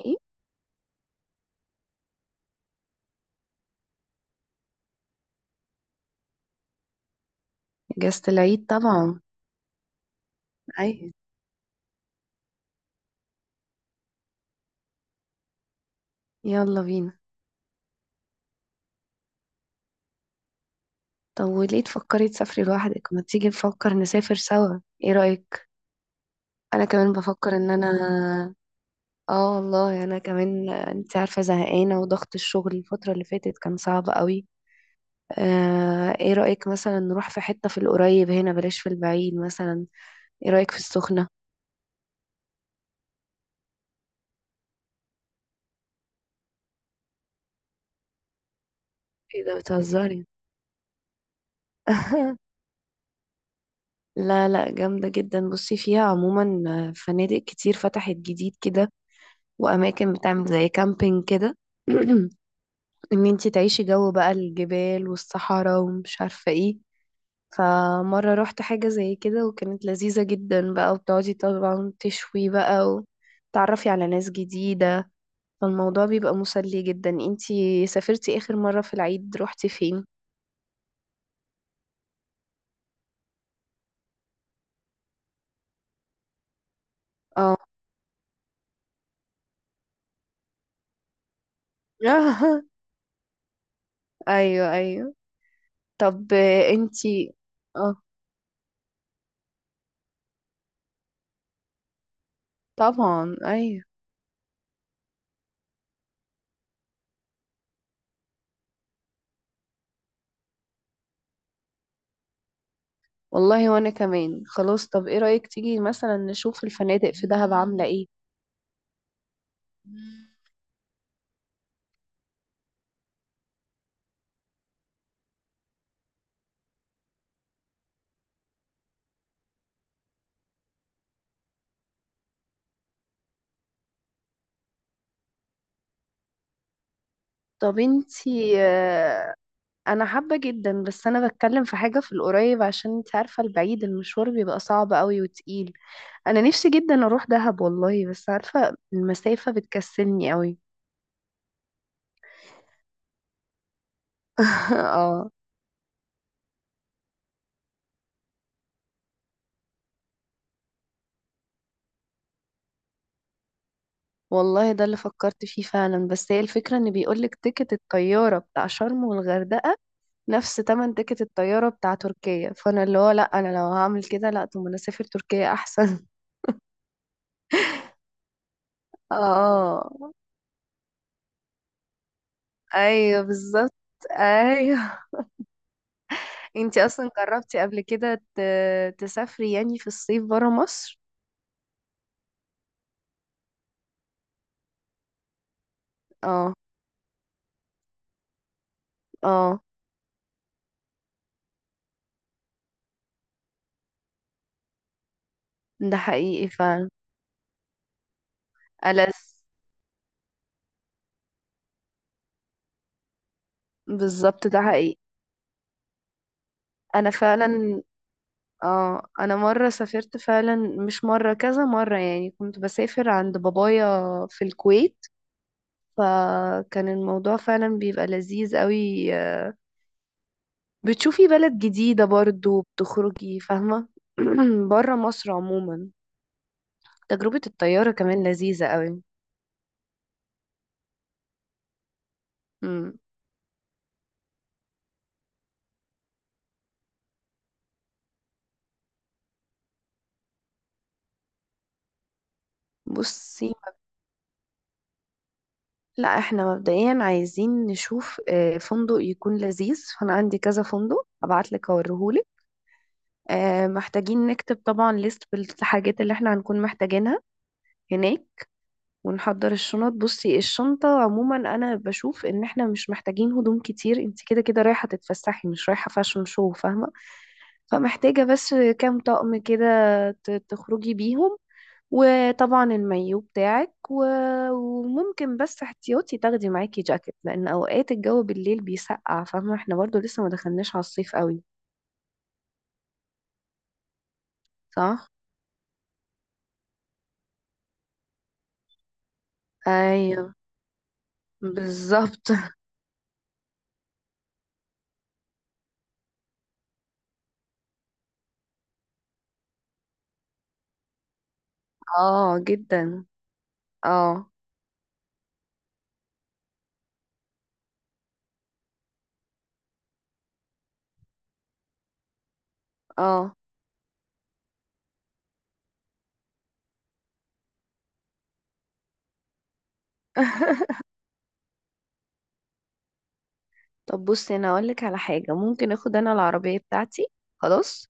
ايه. اجازة العيد طبعا. اي، يلا بينا. طب وليه تفكري تسافري لوحدك؟ ما تيجي نفكر نسافر سوا، ايه رأيك؟ انا كمان بفكر ان انا. اه والله انا كمان، انت عارفة زهقانة وضغط الشغل الفترة اللي فاتت كان صعب قوي. ايه رأيك مثلا نروح في حتة في القريب هنا، بلاش في البعيد مثلا. ايه رأيك في السخنة؟ ايه ده بتهزري؟ لا لا، جامدة جدا. بصي فيها عموما فنادق كتير فتحت جديد كده، وأماكن بتعمل زي كامبينج كده. إن انتي تعيشي جو بقى الجبال والصحراء ومش عارفة ايه. فمرة روحت حاجة زي كده وكانت لذيذة جدا بقى، وبتقعدي طبعا تشوي بقى وتعرفي على ناس جديدة. فالموضوع بيبقى مسلي جدا. انتي سافرتي آخر مرة في العيد روحتي فين؟ اه. ايوه ايوه. طب انتي. اه. طبعا ايوه. والله وانا كمان خلاص. طب ايه رأيك تيجي مثلا نشوف الفنادق في دهب عاملة ايه؟ طب انتي انا حابة جدا، بس انا بتكلم في حاجة في القريب عشان انت عارفة البعيد المشوار بيبقى صعب قوي وتقيل. انا نفسي جدا اروح دهب والله، بس عارفة المسافة بتكسلني قوي. اه والله ده اللي فكرت فيه فعلا، بس هي الفكرة ان بيقولك تيكت الطيارة بتاع شرم والغردقة نفس تمن تيكت الطيارة بتاع تركيا. فانا اللي هو لا، انا لو هعمل كده لا، طب ما انا اسافر تركيا احسن. اه ايوه بالظبط. ايوه. انتي اصلا جربتي قبل كده تسافري يعني في الصيف برا مصر؟ اه. اه ده حقيقي فعلا. ألس. بالظبط ده حقيقي. انا فعلا. اه انا مره سافرت فعلا، مش مره كذا مره، يعني كنت بسافر عند بابايا في الكويت. فكان الموضوع فعلا بيبقى لذيذ قوي. بتشوفي بلد جديده برضو، بتخرجي فاهمه. بره مصر عموما. تجربة الطيارة كمان لذيذة قوي. مم. بصي، لا احنا مبدئيا عايزين نشوف فندق يكون لذيذ، فانا عندي كذا فندق ابعت لك اوريهولك. محتاجين نكتب طبعا ليست بالحاجات اللي احنا هنكون محتاجينها هناك، ونحضر الشنط. بصي الشنطة عموما انا بشوف ان احنا مش محتاجين هدوم كتير. انت كده كده رايحة تتفسحي مش رايحة فاشن شو فاهمة. فمحتاجة بس كام طقم كده تخرجي بيهم، وطبعا المايو بتاعك وممكن بس احتياطي تاخدي معاكي جاكيت، لان اوقات الجو بالليل بيسقع فاهمه، احنا برضو لسه ما دخلناش على الصيف قوي. صح. ايوه بالظبط. اه جدا. اه. اه. طب بصي انا اقول لك على حاجه، ممكن اخد انا العربيه بتاعتي، خلاص،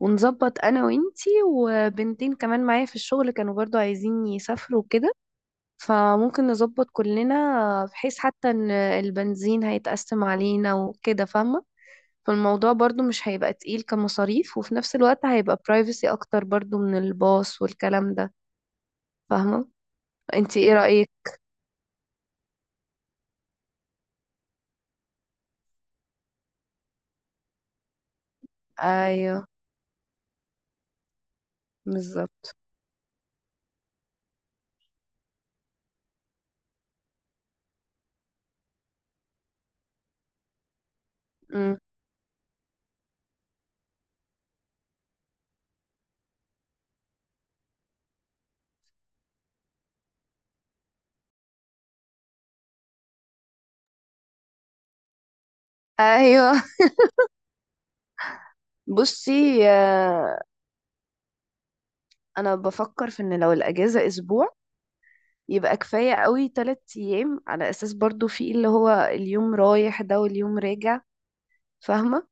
ونظبط انا وانتي وبنتين كمان معايا في الشغل كانوا برضو عايزين يسافروا كده. فممكن نظبط كلنا بحيث حتى ان البنزين هيتقسم علينا وكده فاهمة. فالموضوع برضو مش هيبقى تقيل كمصاريف، وفي نفس الوقت هيبقى برايفسي اكتر برضو من الباص والكلام ده فاهمة. انتي ايه رأيك؟ ايوه بالظبط. مم. ايوه. بصي، آه، انا بفكر في ان لو الاجازه اسبوع، يبقى كفايه قوي تلات ايام، على اساس برضو في اللي هو اليوم رايح ده واليوم راجع فاهمه.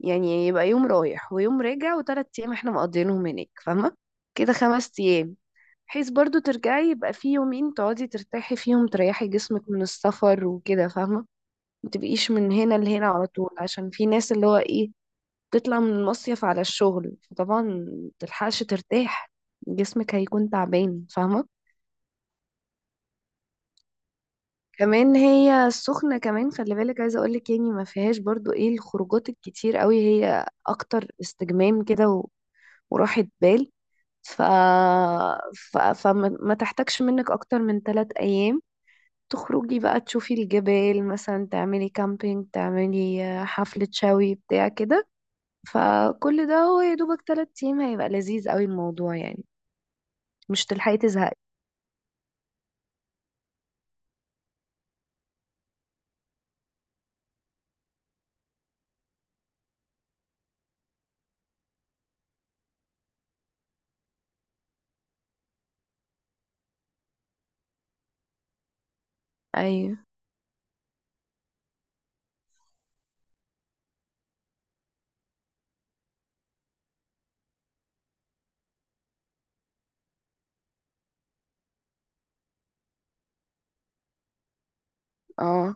يعني يبقى يوم رايح ويوم راجع وتلات ايام احنا مقضيينهم هناك فاهمة. كده خمس ايام. بحيث برضو ترجعي يبقى في يومين تقعدي ترتاحي فيهم تريحي جسمك من السفر وكده فاهمة. ما تبقيش من هنا لهنا على طول، عشان في ناس اللي هو ايه، تطلع من المصيف على الشغل فطبعا متلحقش ترتاح، جسمك هيكون تعبان فاهمة. كمان هي السخنة كمان خلي بالك عايزة اقولك، يعني ما فيهاش برضو ايه الخروجات الكتير قوي، هي اكتر استجمام كده و- وراحة بال. ف... ف... فما ما تحتاجش منك اكتر من ثلاث ايام، تخرجي بقى تشوفي الجبال مثلا، تعملي كامبينج تعملي حفلة شوي بتاع كده. فكل ده هو يا دوبك ثلاث ايام، هيبقى لذيذ قوي الموضوع يعني، مش تلحقي تزهقي. ايوه. اه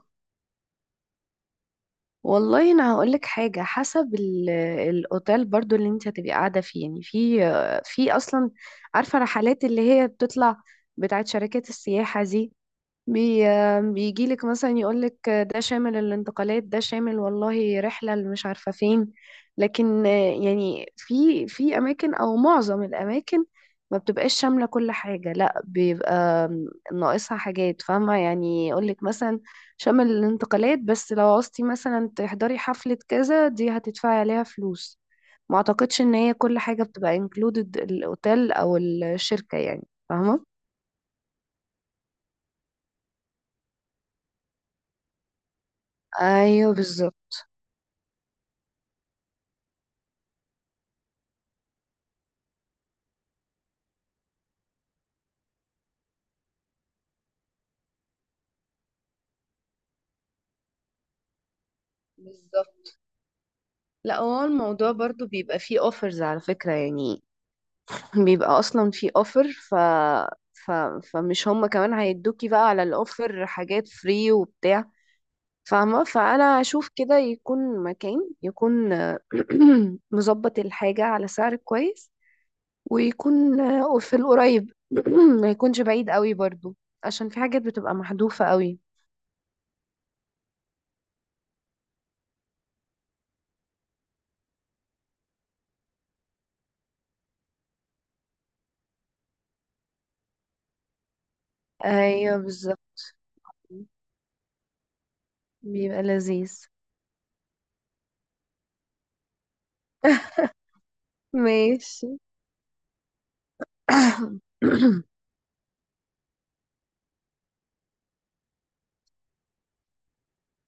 والله انا هقولك حاجه، حسب الاوتيل برضو اللي انت هتبقي قاعده فيه. يعني في اصلا، عارفه رحلات اللي هي بتطلع بتاعت شركات السياحه دي. بي بيجي لك مثلا يقول لك ده شامل الانتقالات، ده شامل والله رحلة اللي مش عارفة فين. لكن يعني في أماكن أو معظم الأماكن ما بتبقاش شاملة كل حاجة، لا بيبقى ناقصها حاجات فاهمة. يعني يقول لك مثلا شامل الانتقالات، بس لو عوزتي مثلا تحضري حفلة كذا، دي هتدفعي عليها فلوس. ما اعتقدش ان هي كل حاجة بتبقى included الاوتيل او الشركة يعني فاهمة. ايوه بالظبط. بالظبط. لا هو الموضوع برضو بيبقى فيه اوفرز على فكرة يعني، بيبقى اصلا فيه اوفر، ف... فمش هما كمان هيدوكي بقى على الاوفر حاجات فري وبتاع فاهمة. فانا اشوف كده يكون مكان، يكون مظبط الحاجة على سعر كويس، ويكون في القريب، ما يكونش بعيد قوي برضو، عشان في حاجات بتبقى محذوفة قوي. ايوه بالظبط. بيبقى لذيذ. ماشي.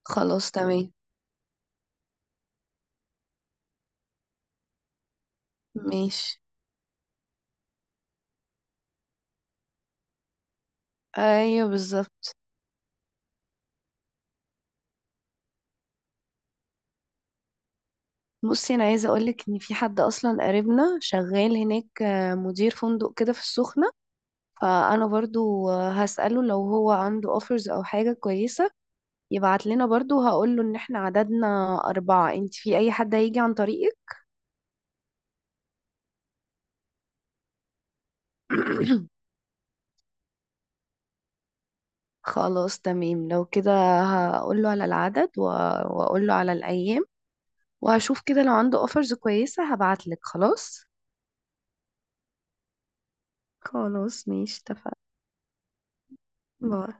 خلاص تمام. ماشي. ايوه بالظبط. بصي انا عايزه اقولك ان في حد اصلا قريبنا شغال هناك مدير فندق كده في السخنه. فانا برضو هسأله لو هو عنده اوفرز او حاجه كويسه يبعت لنا برضو. هقوله ان احنا عددنا اربعه، انت في اي حد هيجي عن طريقك؟ خلاص تمام لو كده، هقوله على العدد واقوله على الايام، وهشوف كده لو عنده اوفرز كويسه هبعتلك خلاص. خلاص ماشي اتفقنا. باي.